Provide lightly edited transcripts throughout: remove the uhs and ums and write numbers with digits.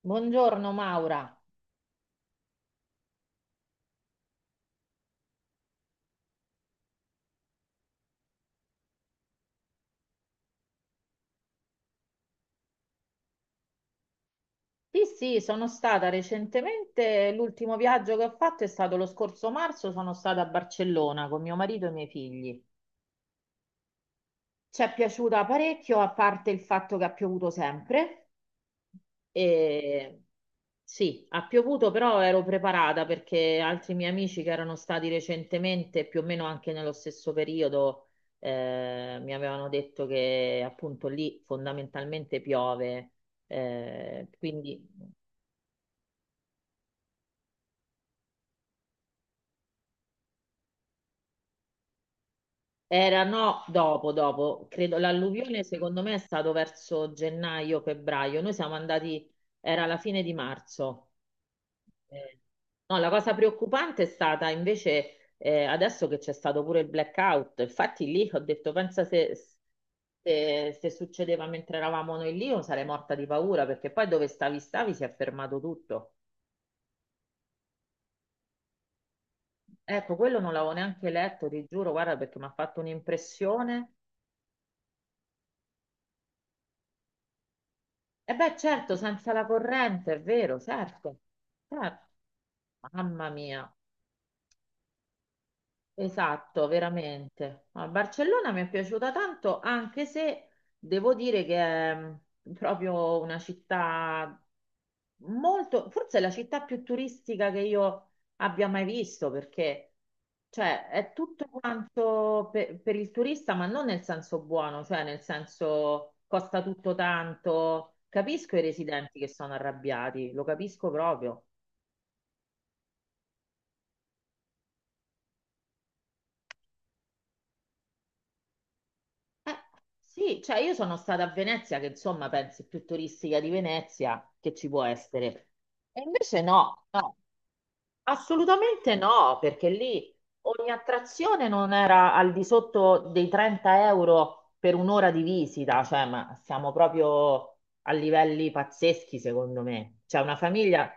Buongiorno Maura. Sì, sì, sono stata recentemente, l'ultimo viaggio che ho fatto è stato lo scorso marzo, sono stata a Barcellona con mio marito e i miei figli. Ci è piaciuta parecchio, a parte il fatto che ha piovuto sempre. E... Sì, ha piovuto, però ero preparata perché altri miei amici che erano stati recentemente, più o meno anche nello stesso periodo, mi avevano detto che appunto lì fondamentalmente piove. Quindi... Era no, dopo, dopo, credo l'alluvione secondo me è stato verso gennaio, febbraio, noi siamo andati, era la fine di marzo. Eh, No, la cosa preoccupante è stata invece adesso che c'è stato pure il blackout, infatti lì ho detto pensa se, succedeva mentre eravamo noi lì io sarei morta di paura perché poi dove stavi stavi si è fermato tutto. Ecco, quello non l'avevo neanche letto, ti giuro, guarda perché mi ha fatto un'impressione. E beh, certo, senza la corrente, è vero, certo, certo. Mamma mia. Esatto, veramente. A Barcellona mi è piaciuta tanto, anche se devo dire che è proprio una città molto, forse è la città più turistica che io abbia mai visto, perché cioè, è tutto quanto per il turista, ma non nel senso buono, cioè nel senso costa tutto tanto. Capisco i residenti che sono arrabbiati, lo capisco proprio. Eh, sì, cioè io sono stata a Venezia, che insomma pensi più turistica di Venezia che ci può essere. E invece no, no, assolutamente no, perché lì ogni attrazione non era al di sotto dei 30 euro per un'ora di visita, cioè ma siamo proprio a livelli pazzeschi secondo me. C'è una famiglia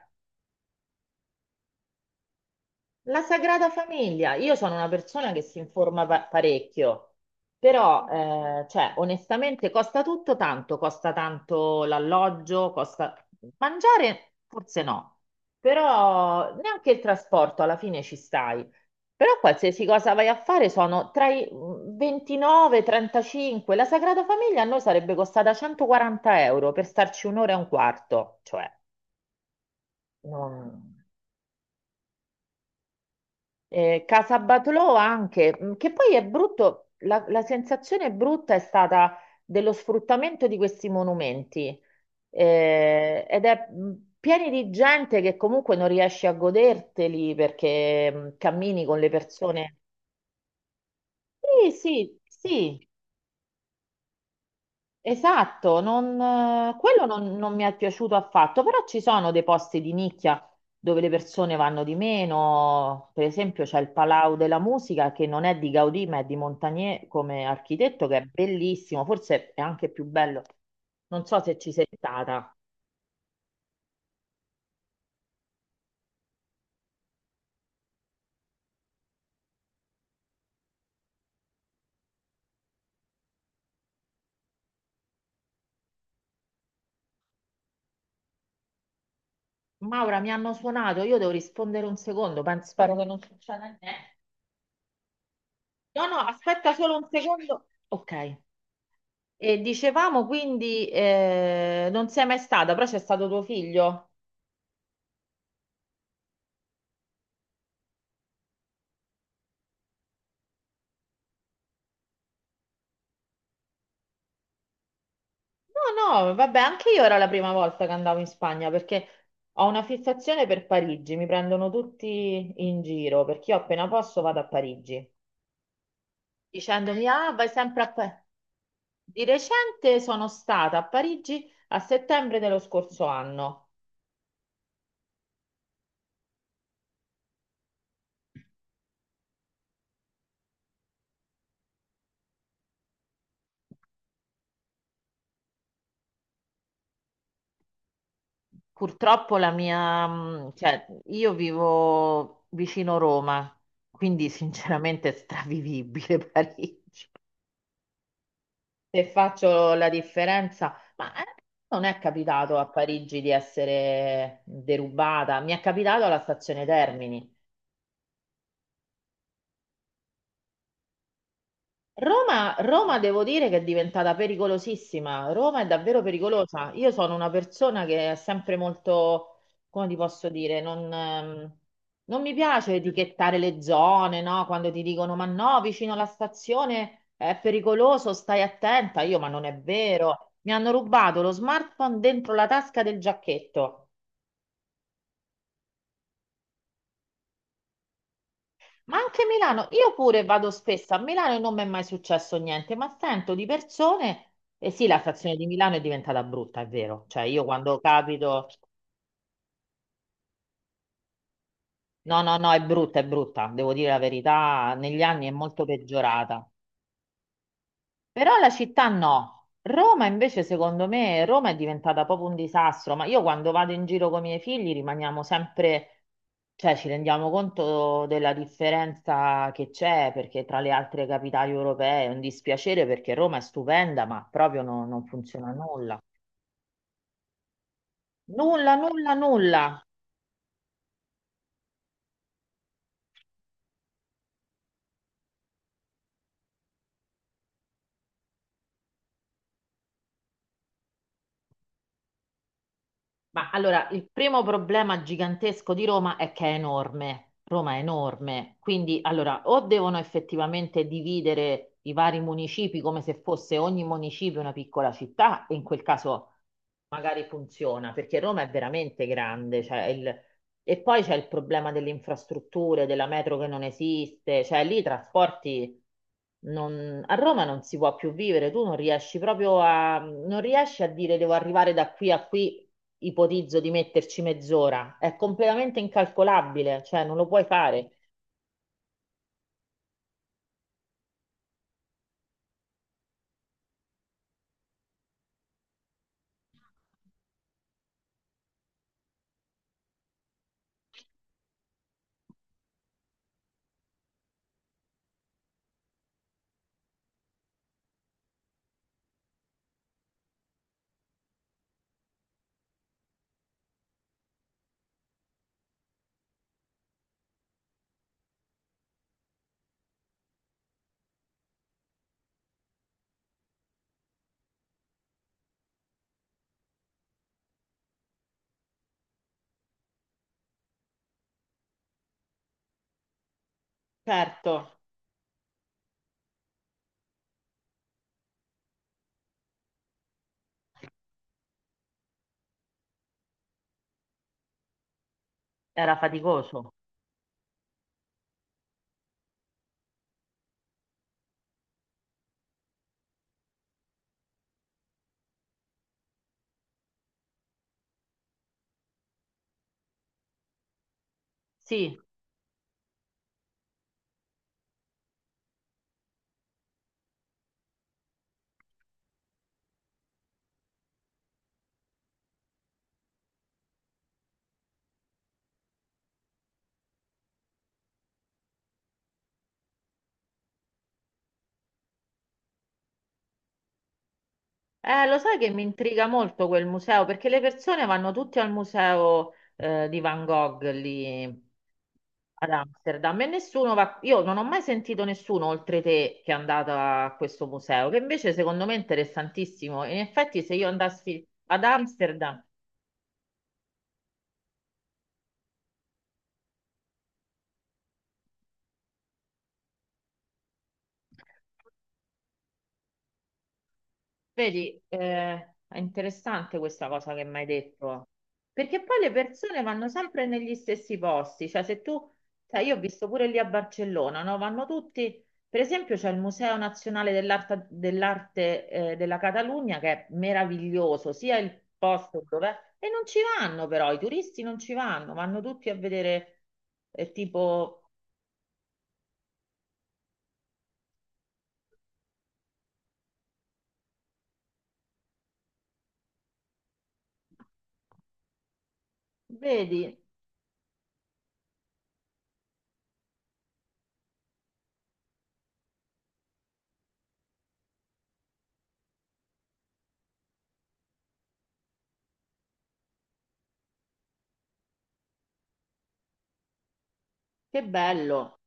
La Sagrada Famiglia, io sono una persona che si informa parecchio, però cioè, onestamente costa tutto tanto, costa tanto l'alloggio, costa mangiare, forse no, però neanche il trasporto alla fine ci stai. Però qualsiasi cosa vai a fare sono tra i 29 e 35. La Sagrada Famiglia a noi sarebbe costata 140 euro per starci un'ora e un quarto, cioè non... Casabatlò anche, che poi è brutto, la sensazione brutta è stata dello sfruttamento di questi monumenti. Ed è pieni di gente che comunque non riesci a goderteli perché cammini con le persone. Sì, sì, sì. Esatto, quello non mi è piaciuto affatto, però ci sono dei posti di nicchia dove le persone vanno di meno, per esempio c'è il Palau della Musica che non è di Gaudì ma è di Montagnier come architetto che è bellissimo, forse è anche più bello, non so se ci sei stata. Maura, mi hanno suonato, io devo rispondere un secondo, penso, spero che non succeda niente. No, no, aspetta solo un secondo. Ok, e dicevamo quindi non sei mai stata, però c'è stato tuo figlio? No, no, vabbè, anche io era la prima volta che andavo in Spagna perché ho una fissazione per Parigi, mi prendono tutti in giro perché io appena posso vado a Parigi, dicendomi, ah, vai sempre a Parigi. Di recente sono stata a Parigi a settembre dello scorso anno. Purtroppo la mia, cioè, io vivo vicino Roma, quindi sinceramente è stravivibile Parigi. Se faccio la differenza, ma non è capitato a Parigi di essere derubata, mi è capitato alla stazione Termini. Roma, Roma devo dire che è diventata pericolosissima. Roma è davvero pericolosa. Io sono una persona che è sempre molto, come ti posso dire, non mi piace etichettare le zone, no? Quando ti dicono ma no, vicino alla stazione è pericoloso, stai attenta. Ma non è vero. Mi hanno rubato lo smartphone dentro la tasca del giacchetto. Ma anche Milano, io pure vado spesso a Milano e non mi è mai successo niente, ma sento di persone, e sì, la stazione di Milano è diventata brutta, è vero, cioè io quando capito, no, no, no, è brutta, devo dire la verità, negli anni è molto peggiorata. Però la città no. Roma invece, secondo me, Roma è diventata proprio un disastro, ma io quando vado in giro con i miei figli rimaniamo sempre, cioè ci rendiamo conto della differenza che c'è, perché tra le altre capitali europee è un dispiacere perché Roma è stupenda, ma proprio non funziona nulla. Nulla, nulla, nulla. Ma allora, il primo problema gigantesco di Roma è che è enorme. Roma è enorme, quindi allora o devono effettivamente dividere i vari municipi come se fosse ogni municipio una piccola città, e in quel caso magari funziona, perché Roma è veramente grande, cioè e poi c'è il problema delle infrastrutture, della metro che non esiste, cioè lì i trasporti a Roma non si può più vivere, tu non riesci proprio non riesci a dire devo arrivare da qui a qui, ipotizzo di metterci mezz'ora, è completamente incalcolabile, cioè non lo puoi fare. Certo, era faticoso. Sì. Lo sai che mi intriga molto quel museo perché le persone vanno tutte al museo di Van Gogh lì ad Amsterdam e nessuno va. Io non ho mai sentito nessuno oltre te che è andato a questo museo, che invece secondo me è interessantissimo. In effetti, se io andassi ad Amsterdam. Vedi, è interessante questa cosa che mi hai detto, perché poi le persone vanno sempre negli stessi posti, cioè se tu, sai, io ho visto pure lì a Barcellona, no? Vanno tutti, per esempio c'è il Museo Nazionale dell'Arte, della Catalogna che è meraviglioso, sia il posto dove è, e non ci vanno però, i turisti non ci vanno, vanno tutti a vedere, tipo, vedi, che bello,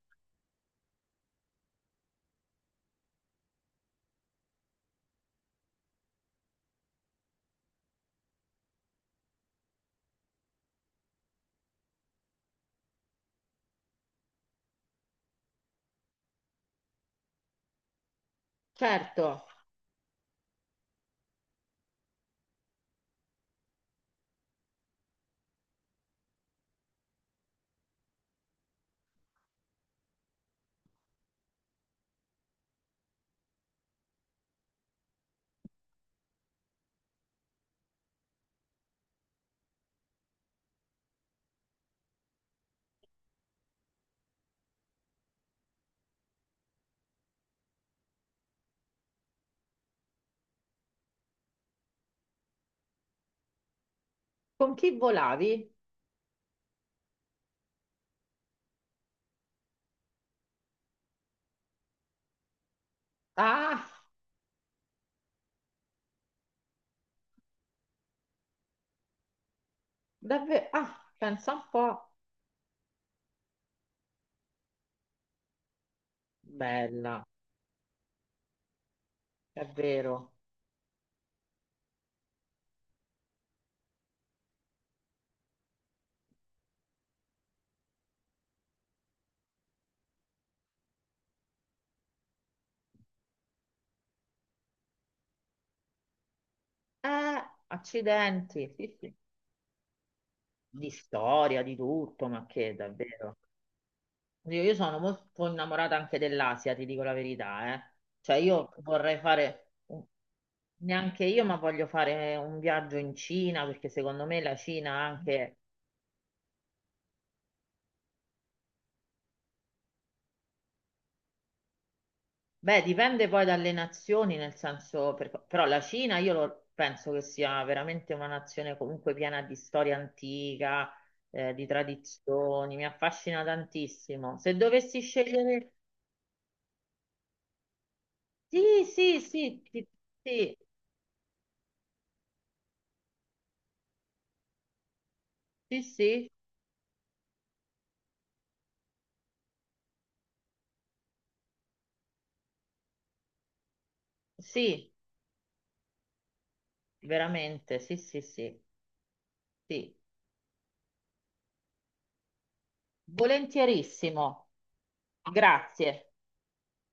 certo, con chi volavi? Ah! Davvero? Ah, pensa un po'. Bella, è vero. Eh, accidenti, sì, sì. Di storia, di tutto, ma che davvero. Io sono molto innamorata anche dell'Asia, ti dico la verità, eh. Cioè io vorrei fare, neanche io, ma voglio fare un viaggio in Cina, perché secondo me la Cina anche... Beh, dipende poi dalle nazioni, nel senso, però la Cina io penso che sia veramente una nazione comunque piena di storia antica, di tradizioni, mi affascina tantissimo. Se dovessi scegliere... Sì, sì, sì, sì, sì, sì, sì, sì, veramente, sì, sì, sì, sì. Volentierissimo, grazie.